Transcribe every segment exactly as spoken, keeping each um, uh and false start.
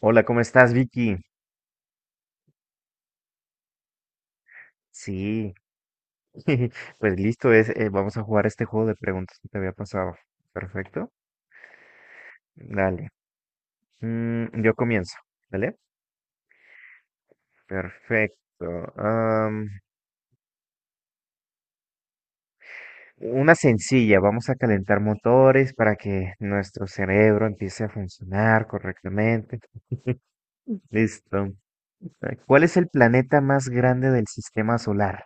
Hola, ¿cómo estás, Vicky? Sí, pues listo, es, eh, vamos a jugar este juego de preguntas que te había pasado. Perfecto. Dale. Mm, yo comienzo, ¿vale? Perfecto. Am, una sencilla, vamos a calentar motores para que nuestro cerebro empiece a funcionar correctamente. Listo. ¿Cuál es el planeta más grande del sistema solar?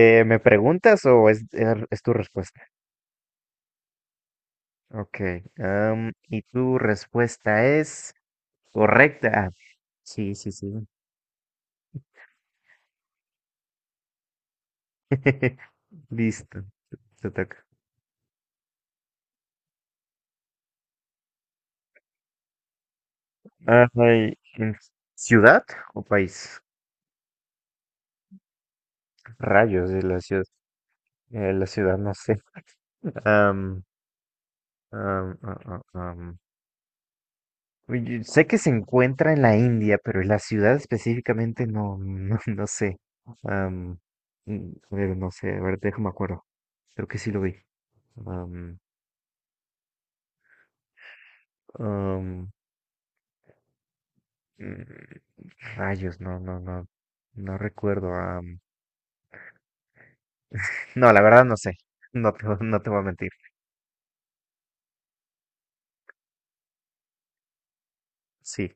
Eh, ¿me preguntas o es, er, es tu respuesta? Ok. Am, y tu respuesta es... correcta. Ah, sí, sí, sí. Listo. Te toca. Ay, en- ¿ciudad o país? Rayos de la ciudad. Eh, la ciudad, no sé. Am, am, ah, ah, am. Uy, sé que se encuentra en la India, pero la ciudad específicamente no, no, no sé. Am, mm, a ver, no sé. A ver, déjame acuerdo. Creo que sí lo vi. Am, am, mm, Rayos, no, no, no. No recuerdo. No, la verdad no sé. No te, no te voy a mentir. Sí.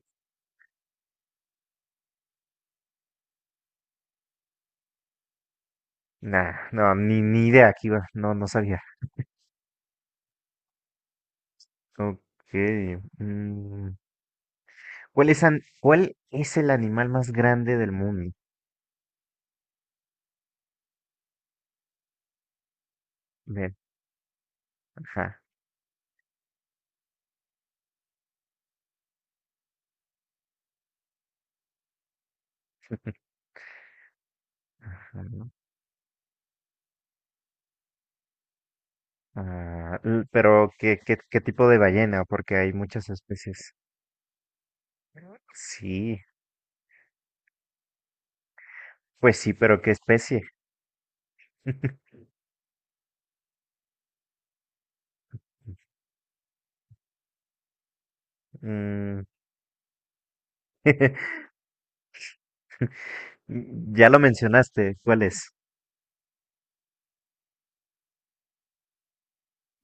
Nah, no, ni, ni idea que iba. No, no sabía. Ok. mm, ¿Cuál es, an- cuál es el animal más grande del mundo? Bien, ajá. Ajá, ¿no? Ah, l- pero ¿qué, qué, qué tipo de ballena? Porque hay muchas especies. Sí, pues sí, pero ¿qué especie? Mm, ya lo mencionaste. ¿Cuál es?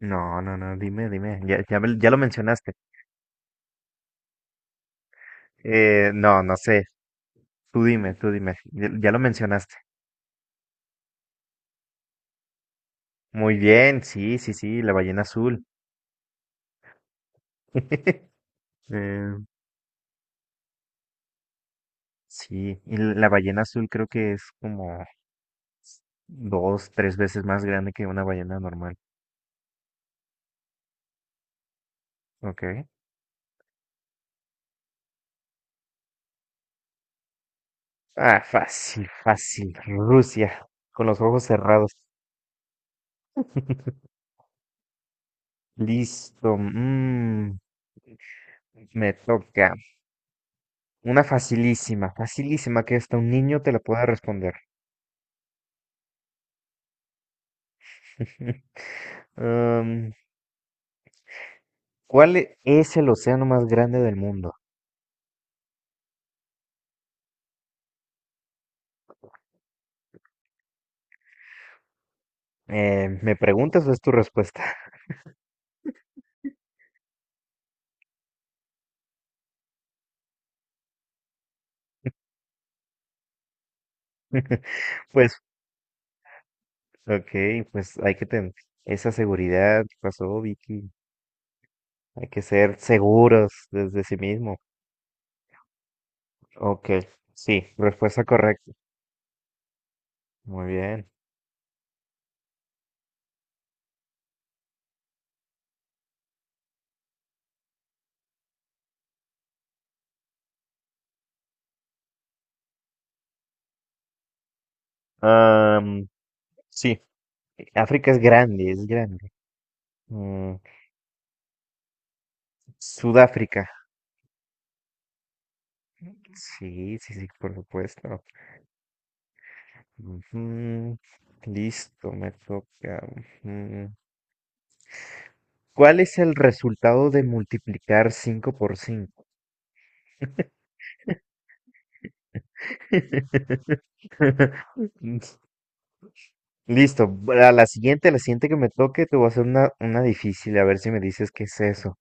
No, no, no, dime, dime. Ya, ya, me- ya lo mencionaste. Eh, no, no sé. Tú dime, tú dime. Ya ya lo mencionaste. Muy bien, sí, sí, sí, la ballena azul. Eh, sí, y la ballena azul creo que es como dos, tres veces más grande que una ballena normal. Ok. Ah, fácil, fácil. Rusia, con los ojos cerrados. Listo. mm, me toca. Una facilísima, facilísima que hasta un niño te la pueda responder. Am, ¿Cuál e- es el océano más grande del mundo? Eh, ¿me preguntas o es tu respuesta? Pues, ok, pues hay que tener esa seguridad. ¿Qué pasó, Vicky? Hay que ser seguros desde sí mismo. Ok, sí, respuesta correcta. Muy bien. Am, sí, África es grande, es grande. Mm, Sudáfrica. Sí, sí, sí, por supuesto. Ujú, listo, me toca. Ujú. ¿Cuál es el resultado de multiplicar cinco por cinco? Listo. A la siguiente, la siguiente que me toque, te voy a hacer una, una difícil, a ver si me dices qué es eso.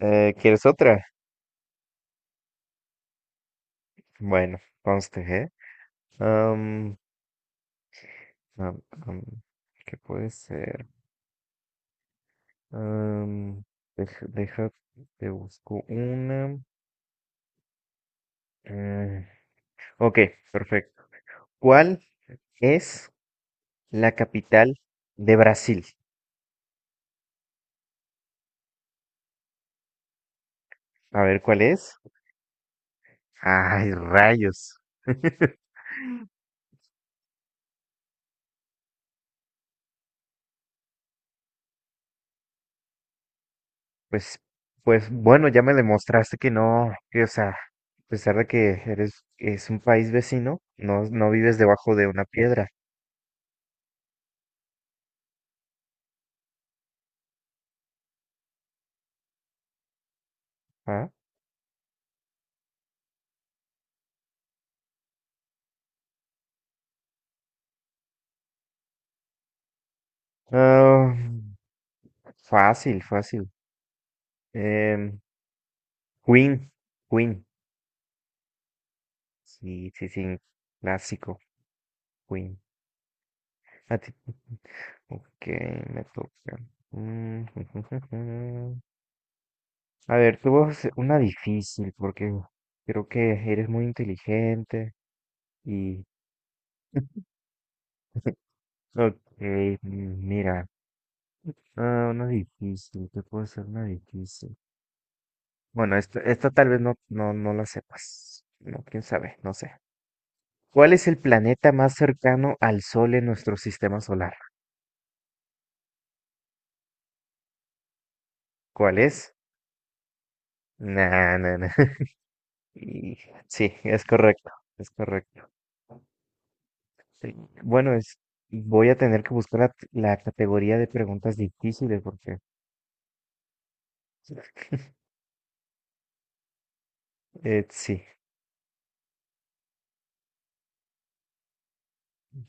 Eh, ¿quieres otra? Bueno, conste, ¿eh? Am, am, am, ¿qué puede ser? Am, deja, deja, te busco una. Eh, ok, perfecto. ¿Cuál es la capital de Brasil? A ver cuál es. Ay, rayos. Pues, pues bueno, ya me demostraste que no, que, o sea, a pesar de que eres, es un país vecino, no, no vives debajo de una piedra. ¿Ah? Ah, fácil, fácil. Em, Queen, Queen. Sí, sí, sí, clásico, Queen. A ti- Ok, me toca. Mm, a ver, tú vas una difícil porque creo que eres muy inteligente y... Ok, mm, mira, ah, una difícil, ¿qué puedo hacer una difícil? Bueno, esta, esta tal vez no, no, no la sepas. No, quién sabe, no sé. ¿Cuál es el planeta más cercano al Sol en nuestro sistema solar? ¿Cuál es? Nah, nah, nah. Y Sí, es correcto, es correcto. Sí, bueno, es, voy a tener que buscar la, la categoría de preguntas difíciles porque eh, sí,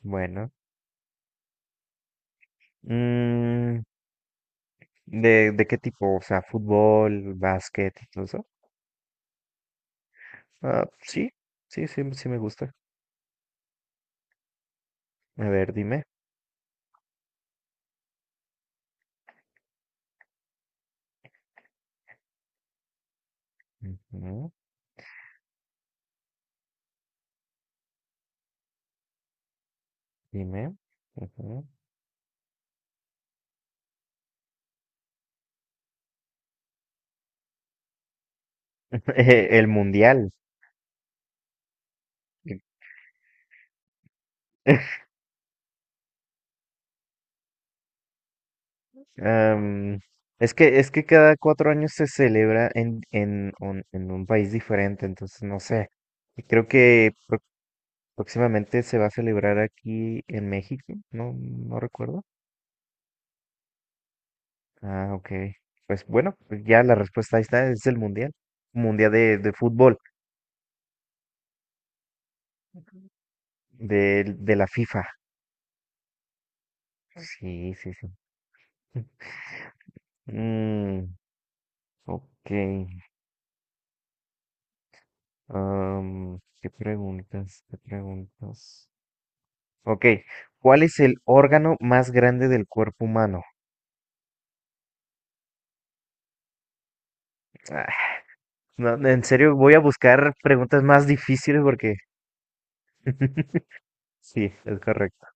bueno. Mm, ¿de, de qué tipo? O sea, fútbol, básquet, todo eso. Ah, sí, sí, sí, sí me gusta. A ver, dime. Ujú, dime. Ujú. Eh, el mundial. Am, es que, es que cada cuatro años se celebra en, en, un en un país diferente, entonces no sé. Y creo que próximamente se va a celebrar aquí en México, no, no recuerdo. Ah, ok. Pues bueno, pues ya la respuesta ahí está, es el Mundial. Mundial de, de fútbol, de, de la FIFA. Sí, sí, sí. Mm, ok. Am, ¿qué preguntas? ¿Qué preguntas? Ok. ¿Cuál es el órgano más grande del cuerpo humano? Ah, no, en serio, voy a buscar preguntas más difíciles porque... Sí, es correcto.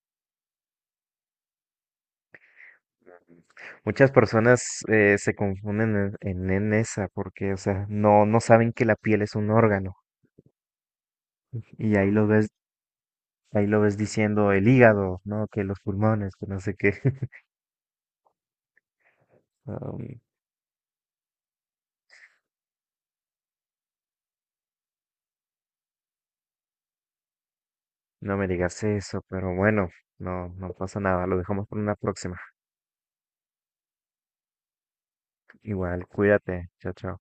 Muchas personas eh, se confunden en, en, en esa porque, o sea, no, no saben que la piel es un órgano y ahí lo ves, ahí lo ves diciendo el hígado, ¿no? Que los pulmones, que no sé qué. Um, no me digas eso, pero bueno, no, no pasa nada, lo dejamos por una próxima. Igual, cuídate, chao, chao.